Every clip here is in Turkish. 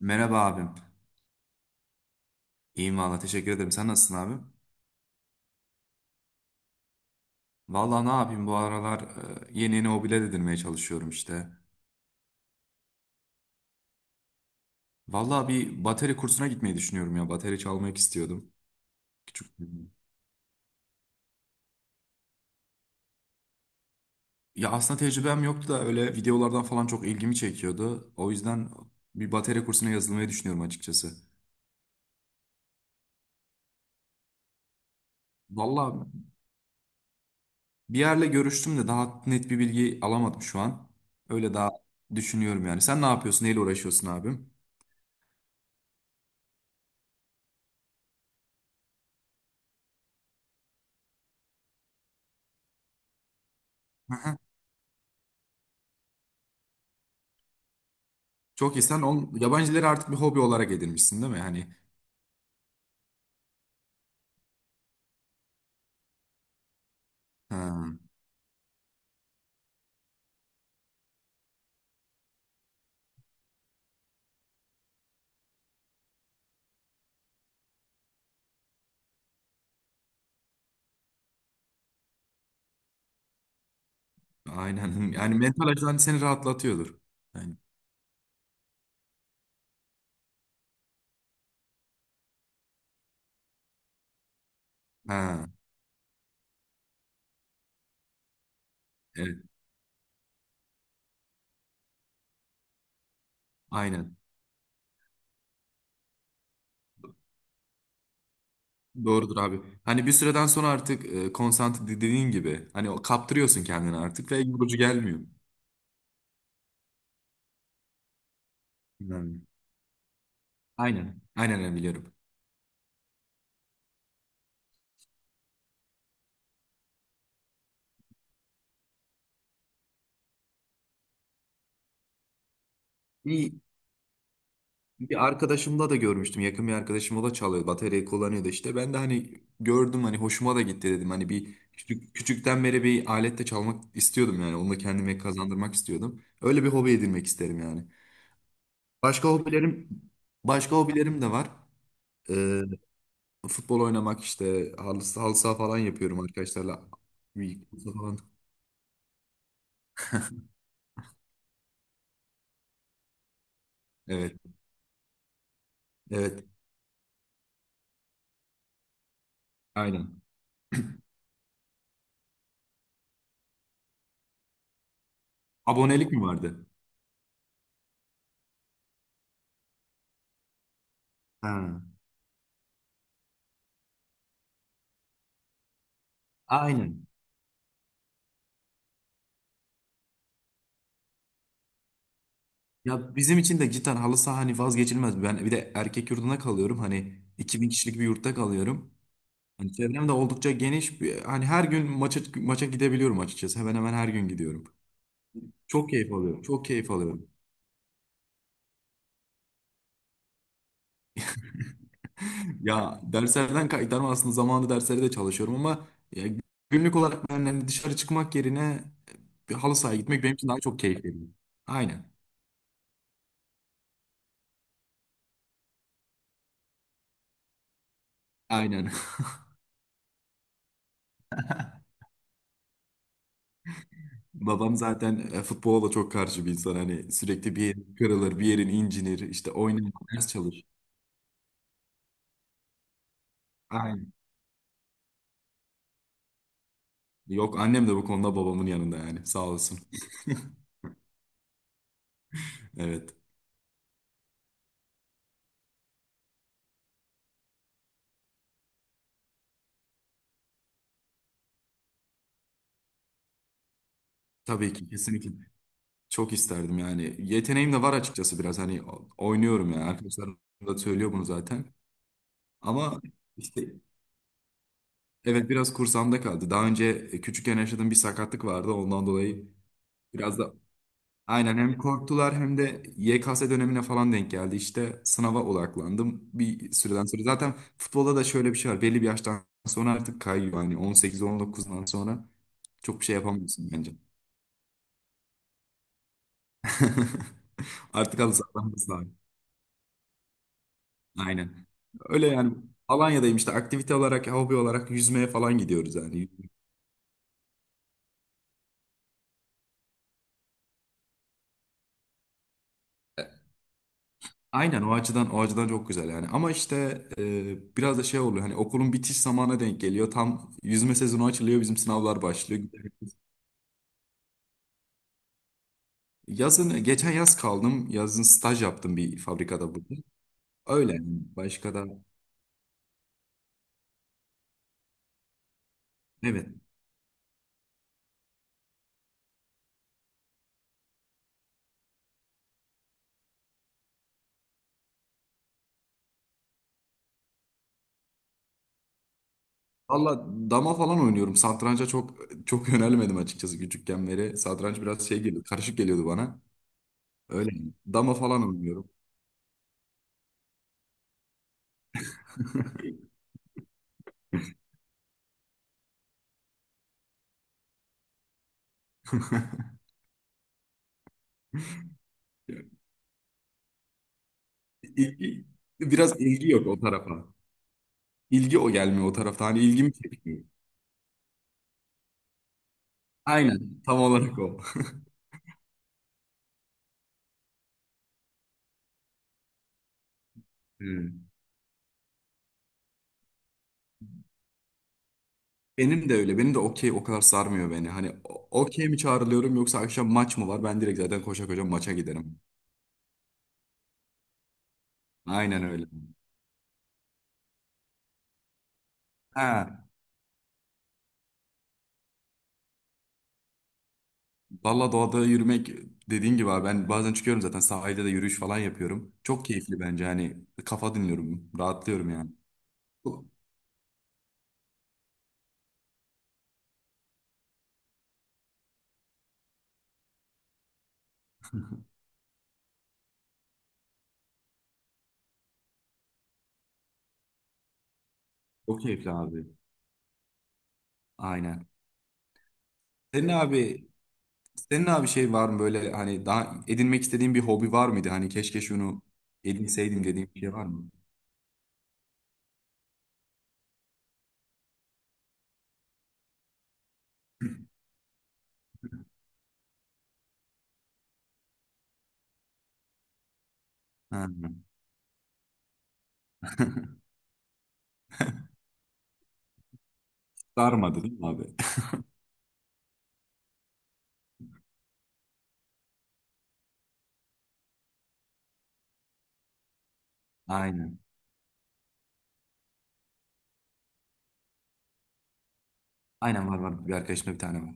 Merhaba abim. İyiyim valla teşekkür ederim. Sen nasılsın abim? Valla ne yapayım bu aralar, yeni yeni hobiler edinmeye çalışıyorum işte. Valla bir bateri kursuna gitmeyi düşünüyorum ya. Bateri çalmak istiyordum. Küçük. Ya aslında tecrübem yoktu da öyle videolardan falan çok ilgimi çekiyordu. O yüzden bir bateri kursuna yazılmayı düşünüyorum açıkçası. Valla bir yerle görüştüm de daha net bir bilgi alamadım şu an. Öyle daha düşünüyorum yani. Sen ne yapıyorsun? Neyle uğraşıyorsun abim? Çok iyi. Sen yabancıları artık bir hobi olarak edinmişsin değil mi? Hani ha, aynen. Yani mental açıdan seni rahatlatıyordur. Yani, ha, evet, aynen. Doğrudur abi. Hani bir süreden sonra artık, konsantre dediğin gibi hani o kaptırıyorsun kendini artık ve yorucu gelmiyor. Yani, aynen. Aynen ben biliyorum. İyi. Bir arkadaşımda da görmüştüm. Yakın bir arkadaşım o da çalıyor. Bataryayı kullanıyordu işte. Ben de hani gördüm, hani hoşuma da gitti dedim. Hani bir küçükten beri bir aletle çalmak istiyordum yani. Onu da kendime kazandırmak istiyordum. Öyle bir hobi edinmek isterim yani. Başka hobilerim Başka hobilerim de var. Ee, Futbol oynamak işte halı saha falan yapıyorum arkadaşlarla. Bir- Falan. Evet. Evet. Aynen. Abonelik mi vardı? Ha. Aynen. Ya bizim için de cidden halı saha hani vazgeçilmez. Ben bir de erkek yurdunda kalıyorum. Hani 2000 kişilik bir yurtta kalıyorum. Hani çevrem de oldukça geniş. Hani her gün maça gidebiliyorum açıkçası. Hemen hemen her gün gidiyorum. Çok keyif alıyorum. Ya derslerden kaytarma aslında zamanında derslere de çalışıyorum, ama ya günlük olarak ben hani dışarı çıkmak yerine bir halı sahaya gitmek benim için daha çok keyif veriyor. Aynen. Aynen. Babam zaten, futbola da çok karşı bir insan. Hani sürekli bir yerin kırılır, bir yerin incinir. İşte oynar, ders çalış. Aynen. Yok, annem de bu konuda babamın yanında yani. Sağ olsun. Evet. Tabii ki kesinlikle. Çok isterdim yani. Yeteneğim de var açıkçası biraz. Hani oynuyorum yani. Arkadaşlarım da söylüyor bunu zaten. Ama işte evet, biraz kursamda kaldı. Daha önce, küçükken yaşadığım bir sakatlık vardı. Ondan dolayı biraz da aynen hem korktular hem de YKS dönemine falan denk geldi. İşte sınava odaklandım bir süreden sonra. Zaten futbolda da şöyle bir şey var. Belli bir yaştan sonra artık kayıyor. Hani 18-19'dan sonra çok bir şey yapamıyorsun bence. Artık halı sahadan biz de abi. Aynen. Öyle yani Alanya'dayım işte aktivite olarak, hobi olarak yüzmeye falan gidiyoruz yani. Aynen, o açıdan çok güzel yani. Ama işte, biraz da şey oluyor, hani okulun bitiş zamanına denk geliyor. Tam yüzme sezonu açılıyor, bizim sınavlar başlıyor. Yazın, geçen yaz kaldım. Yazın staj yaptım bir fabrikada burada. Öyle yani. Başka da evet. Valla dama falan oynuyorum. Satranca çok yönelmedim açıkçası küçükken beri. Satranç biraz karışık geliyordu bana. Öyle yani. Dama falan oynuyorum. İlgi, biraz ilgi yok o tarafa. İlgi o gelmiyor o tarafta. Hani ilgimi çekmiyor. Aynen. Tam olarak o. Hmm. Benim de öyle. Benim de okey o kadar sarmıyor beni. Hani okey mi çağrılıyorum, yoksa akşam maç mı var? Ben direkt zaten koşa koşa maça giderim. Aynen öyle. Ha, valla doğada yürümek dediğin gibi abi, ben bazen çıkıyorum, zaten sahilde de yürüyüş falan yapıyorum. Çok keyifli bence, hani kafa dinliyorum, rahatlıyorum yani. Çok, çok keyifli abi. Aynen. Senin abi Senin abi şey var mı böyle, hani daha edinmek istediğin bir hobi var mıydı? Hani keşke şunu edinseydim dediğin bir şey var mı? Ha. Sarmadı değil mi abi? Aynen. Var. Bir arkadaşımda bir tane var.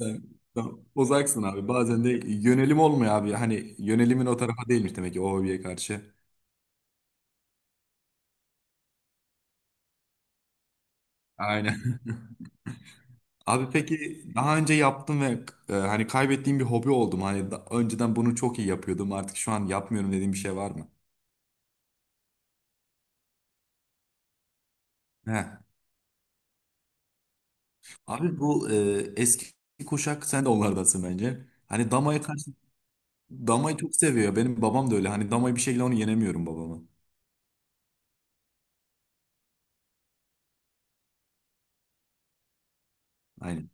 Evet, tamam. Uzaksın abi. Bazen de yönelim olmuyor abi. Hani yönelimin o tarafa değilmiş demek ki o hobiye karşı. Aynen. Abi peki daha önce yaptım ve, hani kaybettiğim bir hobi oldum. Hani önceden bunu çok iyi yapıyordum. Artık şu an yapmıyorum dediğim bir şey var mı? He. Abi bu, eski kuşak sen de onlardansın bence. Hani damaya karşı damayı çok seviyor. Benim babam da öyle. Hani damayı bir şekilde, onu yenemiyorum babamı. Aynen.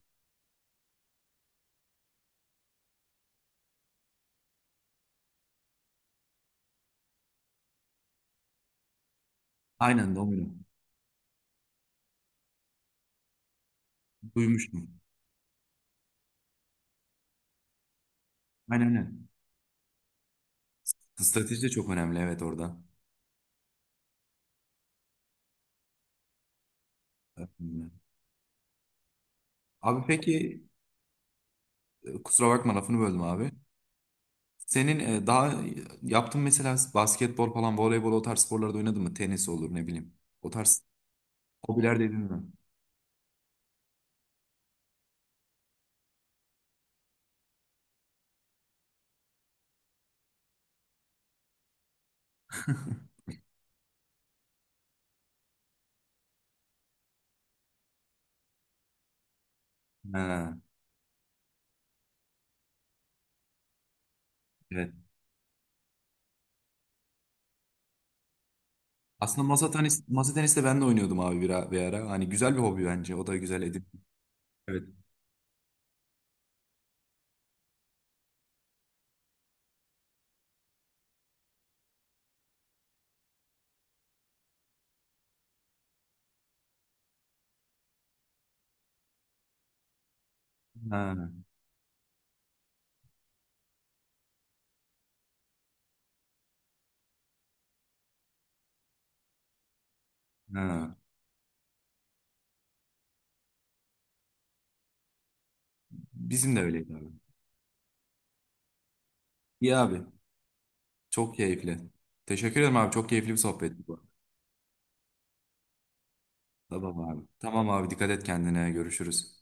Aynen domino. Duymuştum. Aynen. Strateji de çok önemli, evet, orada. Abi peki, kusura bakma, lafını böldüm abi. Senin, daha yaptığın mesela basketbol falan, voleybol o tarz sporlarda oynadın mı? Tenis olur ne bileyim. O tarz hobiler dedin mi? Ha, evet. Aslında masa tenis de ben de oynuyordum abi bir ara. Hani güzel bir hobi bence. O da güzel edin. Evet. Ha, ha. Bizim de öyleydi abi. İyi abi. Çok keyifli. Teşekkür ederim abi. Çok keyifli bir sohbetti bu. Tamam abi. Dikkat et kendine. Görüşürüz.